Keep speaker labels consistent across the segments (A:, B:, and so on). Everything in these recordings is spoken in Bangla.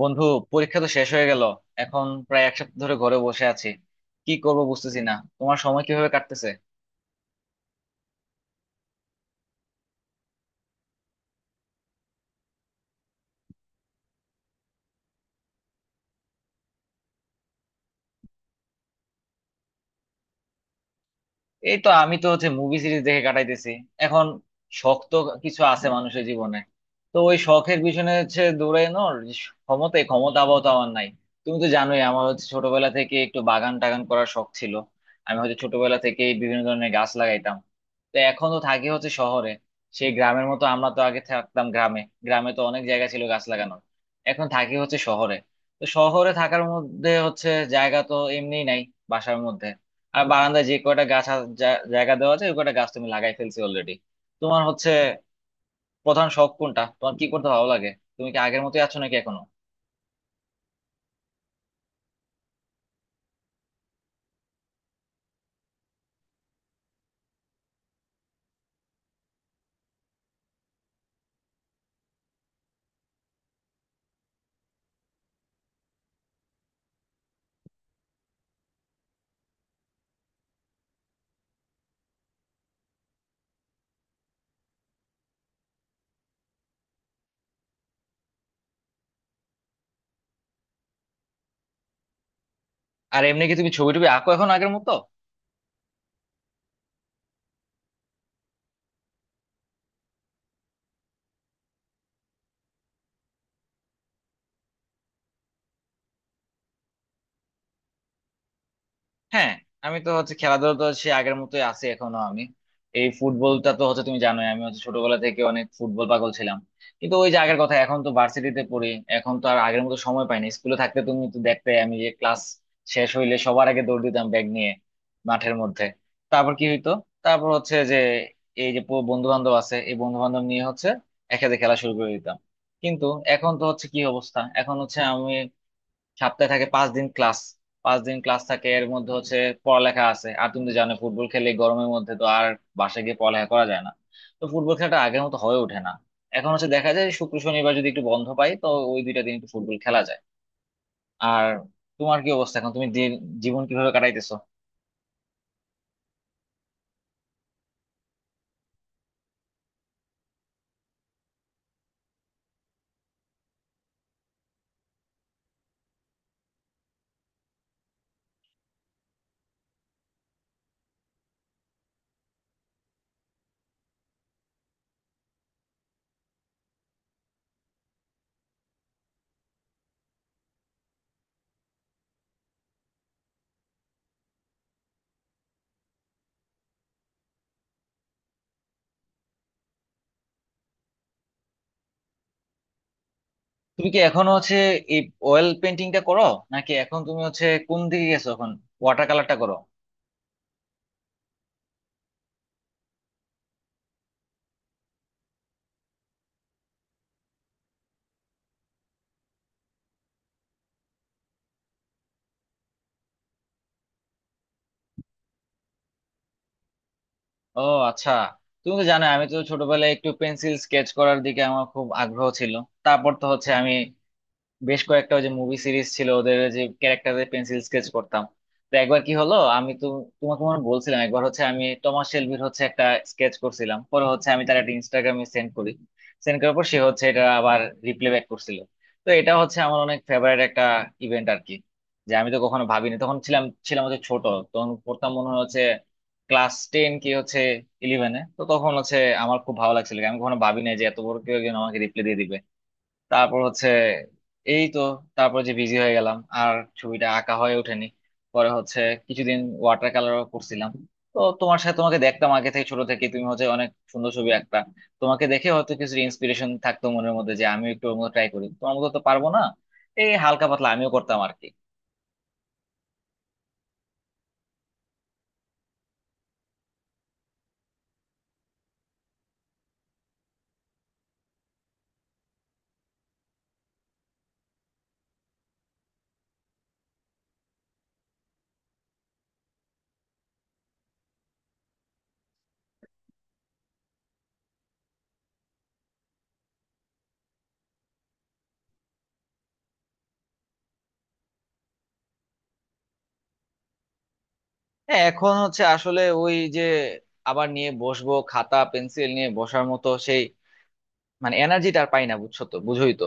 A: বন্ধু, পরীক্ষা তো শেষ হয়ে গেল। এখন প্রায় এক সপ্তাহ ধরে ঘরে বসে আছি, কি করব বুঝতেছি না। তোমার সময় কিভাবে কাটতেছে? এই তো, আমি তো হচ্ছে মুভি সিরিজ দেখে কাটাইতেছি এখন। শখ তো কিছু আছে মানুষের জীবনে, তো ওই শখের পিছনে হচ্ছে দৌড়ানোর যে ক্ষমতা, এই ক্ষমতা আপাতত আমার নাই। তুমি তো জানোই আমার হচ্ছে ছোটবেলা থেকে একটু বাগান টাগান করার শখ ছিল। আমি হচ্ছে ছোটবেলা থেকে বিভিন্ন ধরনের গাছ লাগাইতাম। তো এখন তো থাকি হচ্ছে শহরে, সেই গ্রামের মতো আমরা তো আগে থাকতাম গ্রামে, গ্রামে তো অনেক জায়গা ছিল গাছ লাগানোর। এখন থাকি হচ্ছে শহরে, তো শহরে থাকার মধ্যে হচ্ছে জায়গা তো এমনি নাই বাসার মধ্যে। আর বারান্দায় যে কয়টা গাছ জায়গা দেওয়া আছে, ওই কয়টা গাছ তুমি লাগাই ফেলছি অলরেডি। তোমার হচ্ছে প্রধান শখ কোনটা, তোমার কি করতে ভালো লাগে? তুমি কি আগের মতোই আছো নাকি এখনো? আর এমনি কি তুমি ছবি টবি আঁকো এখন আগের মতো? হ্যাঁ, আমি তো হচ্ছে খেলাধুলা তো সে আগের মতোই আছি এখনো আমি। এই ফুটবলটা তো হচ্ছে তুমি জানোই, আমি হচ্ছে ছোটবেলা থেকে অনেক ফুটবল পাগল ছিলাম। কিন্তু ওই যে আগের কথা, এখন তো ভার্সিটিতে পড়ি। এখন তো আর আগের মতো সময় পাই না। স্কুলে থাকতে তুমি তো দেখতে, আমি যে ক্লাস শেষ হইলে সবার আগে দৌড় দিতাম ব্যাগ নিয়ে মাঠের মধ্যে। তারপর কি হইতো, তারপর হচ্ছে যে এই যে বন্ধু বান্ধব আছে, এই বন্ধু বান্ধব নিয়ে হচ্ছে একসাথে খেলা শুরু করে দিতাম। কিন্তু এখন তো হচ্ছে কি অবস্থা, এখন হচ্ছে সপ্তাহে থাকে পাঁচ দিন ক্লাস থাকে, এর মধ্যে হচ্ছে পড়ালেখা আছে। আর তুমি তো জানো, ফুটবল খেলে এই গরমের মধ্যে তো আর বাসায় গিয়ে পড়ালেখা করা যায় না। তো ফুটবল খেলাটা আগের মতো হয়ে ওঠে না। এখন হচ্ছে দেখা যায় শুক্র শনিবার যদি একটু বন্ধ পাই, তো ওই 2 দিন একটু ফুটবল খেলা যায়। আর তোমার কি অবস্থা এখন, তুমি জীবন কিভাবে কাটাইতেছো? তুমি কি এখনো হচ্ছে এই অয়েল পেন্টিংটা করো, নাকি এখন তুমি হচ্ছে কোন দিকে গেছো এখন? ওয়াটার কালারটা করো? ও, আচ্ছা। তুমি তো জানো আমি তো ছোটবেলায় একটু পেন্সিল স্কেচ করার দিকে আমার খুব আগ্রহ ছিল। তারপর তো হচ্ছে আমি বেশ কয়েকটা ওই যে মুভি সিরিজ ছিল, ওদের যে ক্যারেক্টারের পেন্সিল স্কেচ করতাম। তো একবার কি হলো, আমি তো তোমাকে মনে হয় বলছিলাম, একবার হচ্ছে আমি টমাস শেলবির হচ্ছে একটা স্কেচ করছিলাম। পরে হচ্ছে আমি তার একটা ইনস্টাগ্রামে সেন্ড করি। সেন্ড করার পর সে হচ্ছে এটা আবার রিপ্লে ব্যাক করছিল। তো এটা হচ্ছে আমার অনেক ফেভারিট একটা ইভেন্ট আর কি। যে আমি তো কখনো ভাবিনি, তখন ছিলাম ছিলাম হচ্ছে ছোট। তখন পড়তাম মনে হয় হচ্ছে ক্লাস 10 কি হচ্ছে ইলেভেনে। তো তখন হচ্ছে আমার খুব ভালো লাগছিল, আমি কখনো ভাবিনি যে এত বড় কেউ একজন আমাকে রিপ্লে দিয়ে দিবে। তারপর হচ্ছে এই তো, তারপর যে বিজি হয়ে গেলাম আর ছবিটা আঁকা হয়ে ওঠেনি। পরে হচ্ছে কিছুদিন ওয়াটার কালারও করছিলাম। তো তোমার সাথে তোমাকে দেখতাম আগে থেকে, ছোট থেকে তুমি হচ্ছে অনেক সুন্দর ছবি আঁকতা। তোমাকে দেখে হয়তো কিছু ইন্সপিরেশন থাকতো মনের মধ্যে, যে আমি একটু ওর মতো ট্রাই করি। তোমার মতো তো পারবো না, এই হালকা পাতলা আমিও করতাম আর কি। হ্যাঁ, এখন হচ্ছে আসলে ওই যে আবার নিয়ে বসবো খাতা পেন্সিল নিয়ে, বসার মতো মানে এনার্জিটা আর পাই না। বুঝছো তো, বুঝোই তো।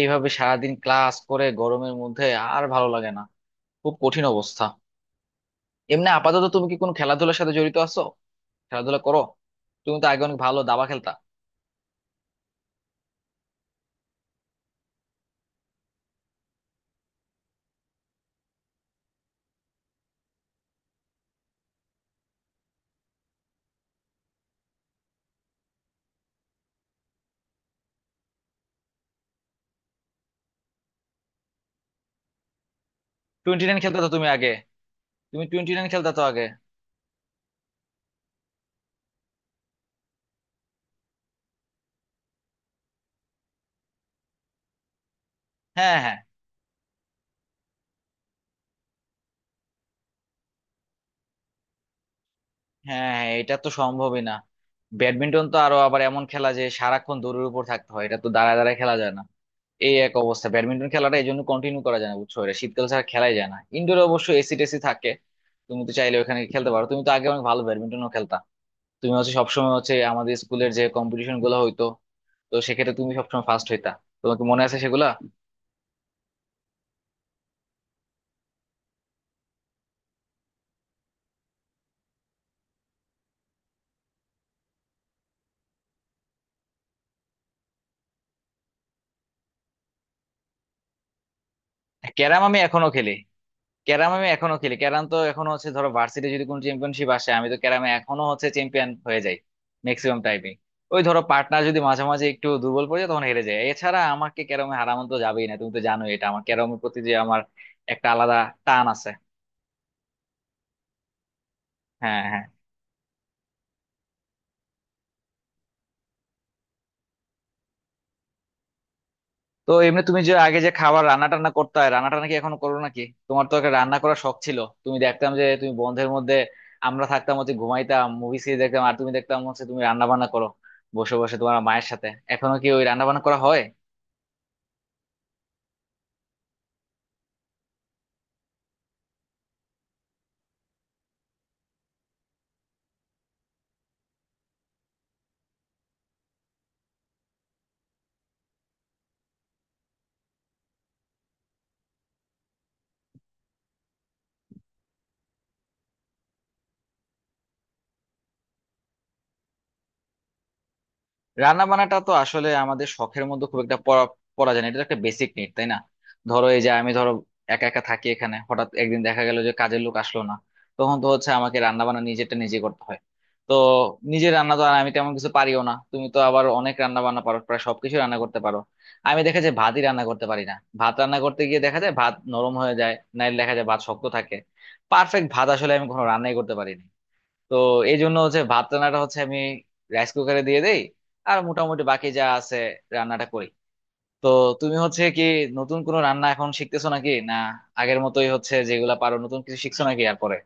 A: এইভাবে সারাদিন ক্লাস করে গরমের মধ্যে আর ভালো লাগে না, খুব কঠিন অবস্থা। এমনি আপাতত তুমি কি কোনো খেলাধুলার সাথে জড়িত আছো? খেলাধুলা করো? তুমি তো আগে অনেক ভালো দাবা খেলতা। টোয়েন্টি নাইন খেলতা তো তুমি আগে। তুমি টোয়েন্টি নাইন খেলতা তো আগে। হ্যাঁ, হ্যাঁ। হ্যাঁ হ্যাঁ, এটা তো সম্ভবই না। ব্যাডমিন্টন তো আরো আবার এমন খেলা যে সারাক্ষণ দড়ির উপর থাকতে হয়, এটা তো দাঁড়ায় দাঁড়ায় খেলা যায় না। এই এক অবস্থা ব্যাডমিন্টন খেলাটা, এই জন্য কন্টিনিউ করা যায় না, বুঝছো? এটা শীতকাল ছাড়া খেলাই যায় না। ইনডোরে অবশ্য এসি টেসি থাকে, তুমি তো চাইলে ওখানে খেলতে পারো। তুমি তো আগে অনেক ভালো ব্যাডমিন্টনও খেলতা। তুমি হচ্ছে সবসময় হচ্ছে আমাদের স্কুলের যে কম্পিটিশন গুলো হইতো, তো সেক্ষেত্রে তুমি সবসময় ফার্স্ট হইতা। তোমাকে মনে আছে সেগুলা? ক্যারাম আমি এখনো খেলি। ক্যারাম তো এখনো হচ্ছে, ধরো ভার্সিটি যদি কোনো চ্যাম্পিয়নশিপ আসে, আমি তো ক্যারামে এখনো হচ্ছে চ্যাম্পিয়ন হয়ে যাই ম্যাক্সিমাম টাইমে। ওই ধরো পার্টনার যদি মাঝে মাঝে একটু দুর্বল পড়ে যায় তখন হেরে যায়, এছাড়া আমাকে ক্যারামে হারানো তো যাবেই না। তুমি তো জানোই এটা, আমার ক্যারামের প্রতি যে আমার একটা আলাদা টান আছে। হ্যাঁ, হ্যাঁ। তো এমনি তুমি যে আগে যে খাবার রান্না টান্না করতে হয়, রান্না টান্না কি এখন করো নাকি? তোমার তো একটা রান্না করার শখ ছিল, তুমি দেখতাম যে তুমি বন্ধের মধ্যে, আমরা থাকতাম হচ্ছে ঘুমাইতাম মুভি সিরিজ দেখতাম, আর তুমি দেখতাম হচ্ছে তুমি রান্না বান্না করো বসে বসে তোমার মায়ের সাথে। এখনো কি ওই রান্না বান্না করা হয়? রান্না বান্নাটা তো আসলে আমাদের শখের মধ্যে খুব একটা পড়া পড়া যায় না, এটা তো একটা বেসিক নিড, তাই না? ধরো এই যে আমি ধরো একা একা থাকি এখানে, হঠাৎ একদিন দেখা গেল যে কাজের লোক আসলো না। তখন তো হচ্ছে আমাকে রান্না বান্না নিজেরটা নিজে করতে হয়। তো নিজে রান্না তো আর আমি তেমন কিছু পারিও না, তুমি তো আবার অনেক রান্না বান্না পারো, প্রায় সবকিছু রান্না করতে পারো। আমি দেখা যায় ভাতই রান্না করতে পারি না। ভাত রান্না করতে গিয়ে দেখা যায় ভাত নরম হয়ে যায়, নাইলে দেখা যায় ভাত শক্ত থাকে। পারফেক্ট ভাত আসলে আমি কখনো রান্নাই করতে পারিনি। তো এই জন্য হচ্ছে ভাত রান্নাটা হচ্ছে আমি রাইস কুকারে দিয়ে দেই, আর মোটামুটি বাকি যা আছে রান্নাটা করি। তো তুমি হচ্ছে কি নতুন কোনো রান্না এখন শিখতেছো নাকি না, আগের মতোই হচ্ছে যেগুলা পারো? নতুন কিছু শিখছো নাকি আর পরে?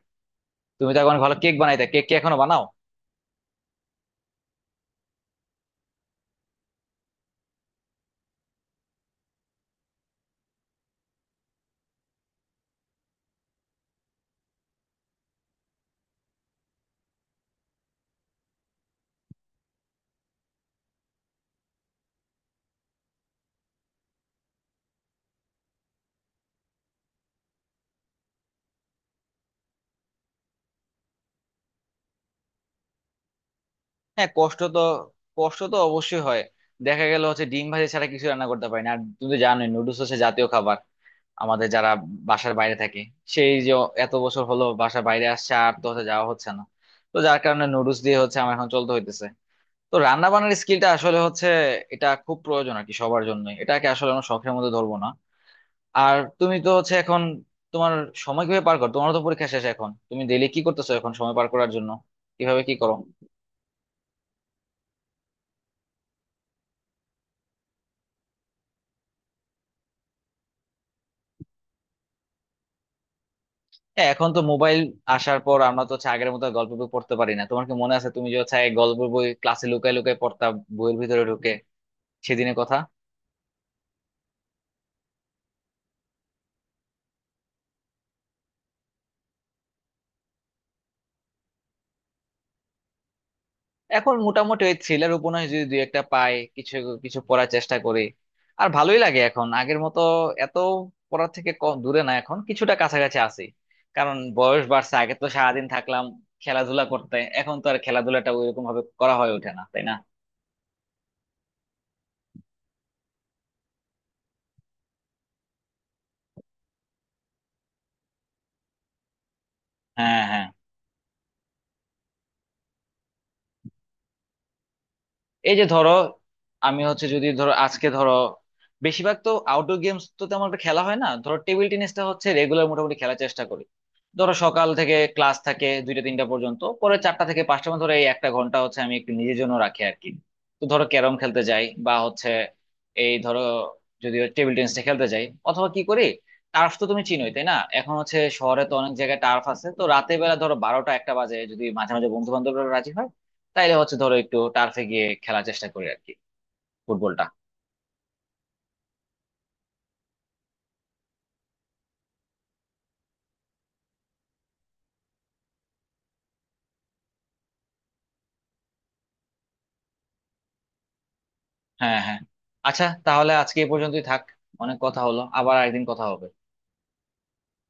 A: তুমি তো এখন ভালো কেক বানাইতে, কেক কি এখনো বানাও? হ্যাঁ, কষ্ট তো অবশ্যই হয়। দেখা গেল হচ্ছে ডিম ভাজি ছাড়া কিছু রান্না করতে পারি না। আর তুমি তো জানোই নুডলস হচ্ছে জাতীয় খাবার আমাদের, যারা বাসার বাইরে থাকে সেই যে এত বছর হলো বাসার বাইরে আসছে, আর তো হচ্ছে যাওয়া হচ্ছে না। তো যার কারণে নুডলস দিয়ে হচ্ছে আমার এখন চলতে হইতেছে। তো রান্না বান্নার স্কিলটা আসলে হচ্ছে এটা খুব প্রয়োজন আর কি সবার জন্য, এটাকে আসলে আমরা শখের মধ্যে ধরবো না। আর তুমি তো হচ্ছে এখন তোমার সময় কিভাবে পার করো? তোমার তো পরীক্ষা শেষ, এখন তুমি ডেইলি কি করতেছো এখন সময় পার করার জন্য? কিভাবে কি করো? এখন তো মোবাইল আসার পর আমরা তো হচ্ছে আগের মতো আর গল্প বই পড়তে পারি না। তোমার কি মনে আছে, তুমি যে হচ্ছে আগে গল্প বই ক্লাসে লুকায় লুকায় পড়তা বইয়ের ভিতরে ঢুকে সেদিনের কথা? এখন মোটামুটি ওই থ্রিলার উপন্যাস যদি দুই একটা পাই, কিছু কিছু পড়ার চেষ্টা করি। আর ভালোই লাগে এখন, আগের মতো এত দূরে না, এখন কিছুটা কাছাকাছি আছি। কারণ বয়স বাড়ছে, আগে তো সারাদিন থাকলাম খেলাধুলা করতে, এখন তো আর খেলাধুলাটা ওইরকম ভাবে করা হয়ে ওঠে না, তাই না? হ্যাঁ, হ্যাঁ। এই যে ধরো আমি হচ্ছে যদি ধরো আজকে ধরো, বেশিরভাগ তো আউটডোর গেমস তো তেমন একটা খেলা হয় না। ধরো টেবিল টেনিসটা হচ্ছে রেগুলার মোটামুটি খেলার চেষ্টা করি। ধরো সকাল থেকে ক্লাস থাকে 2টা 3টা পর্যন্ত, পরে 4টা থেকে 5টা পর্যন্ত ধরো এই একটা ঘন্টা হচ্ছে আমি একটু নিজের জন্য রাখি আর কি। তো ধরো ক্যারম খেলতে যাই, বা হচ্ছে এই ধরো যদি টেবিল টেনিসটা খেলতে যাই, অথবা কি করি, টার্ফ তো তুমি চিনোই তাই না? এখন হচ্ছে শহরে তো অনেক জায়গায় টার্ফ আছে, তো রাতের বেলা ধরো 12টা 1টা বাজে যদি মাঝে মাঝে বন্ধু বান্ধবরা রাজি হয়, তাইলে হচ্ছে ধরো একটু টার্ফে গিয়ে খেলার চেষ্টা করি আর কি ফুটবলটা। হ্যাঁ, হ্যাঁ। আচ্ছা, তাহলে আজকে এই পর্যন্তই থাক, অনেক কথা হলো, আবার একদিন কথা হবে।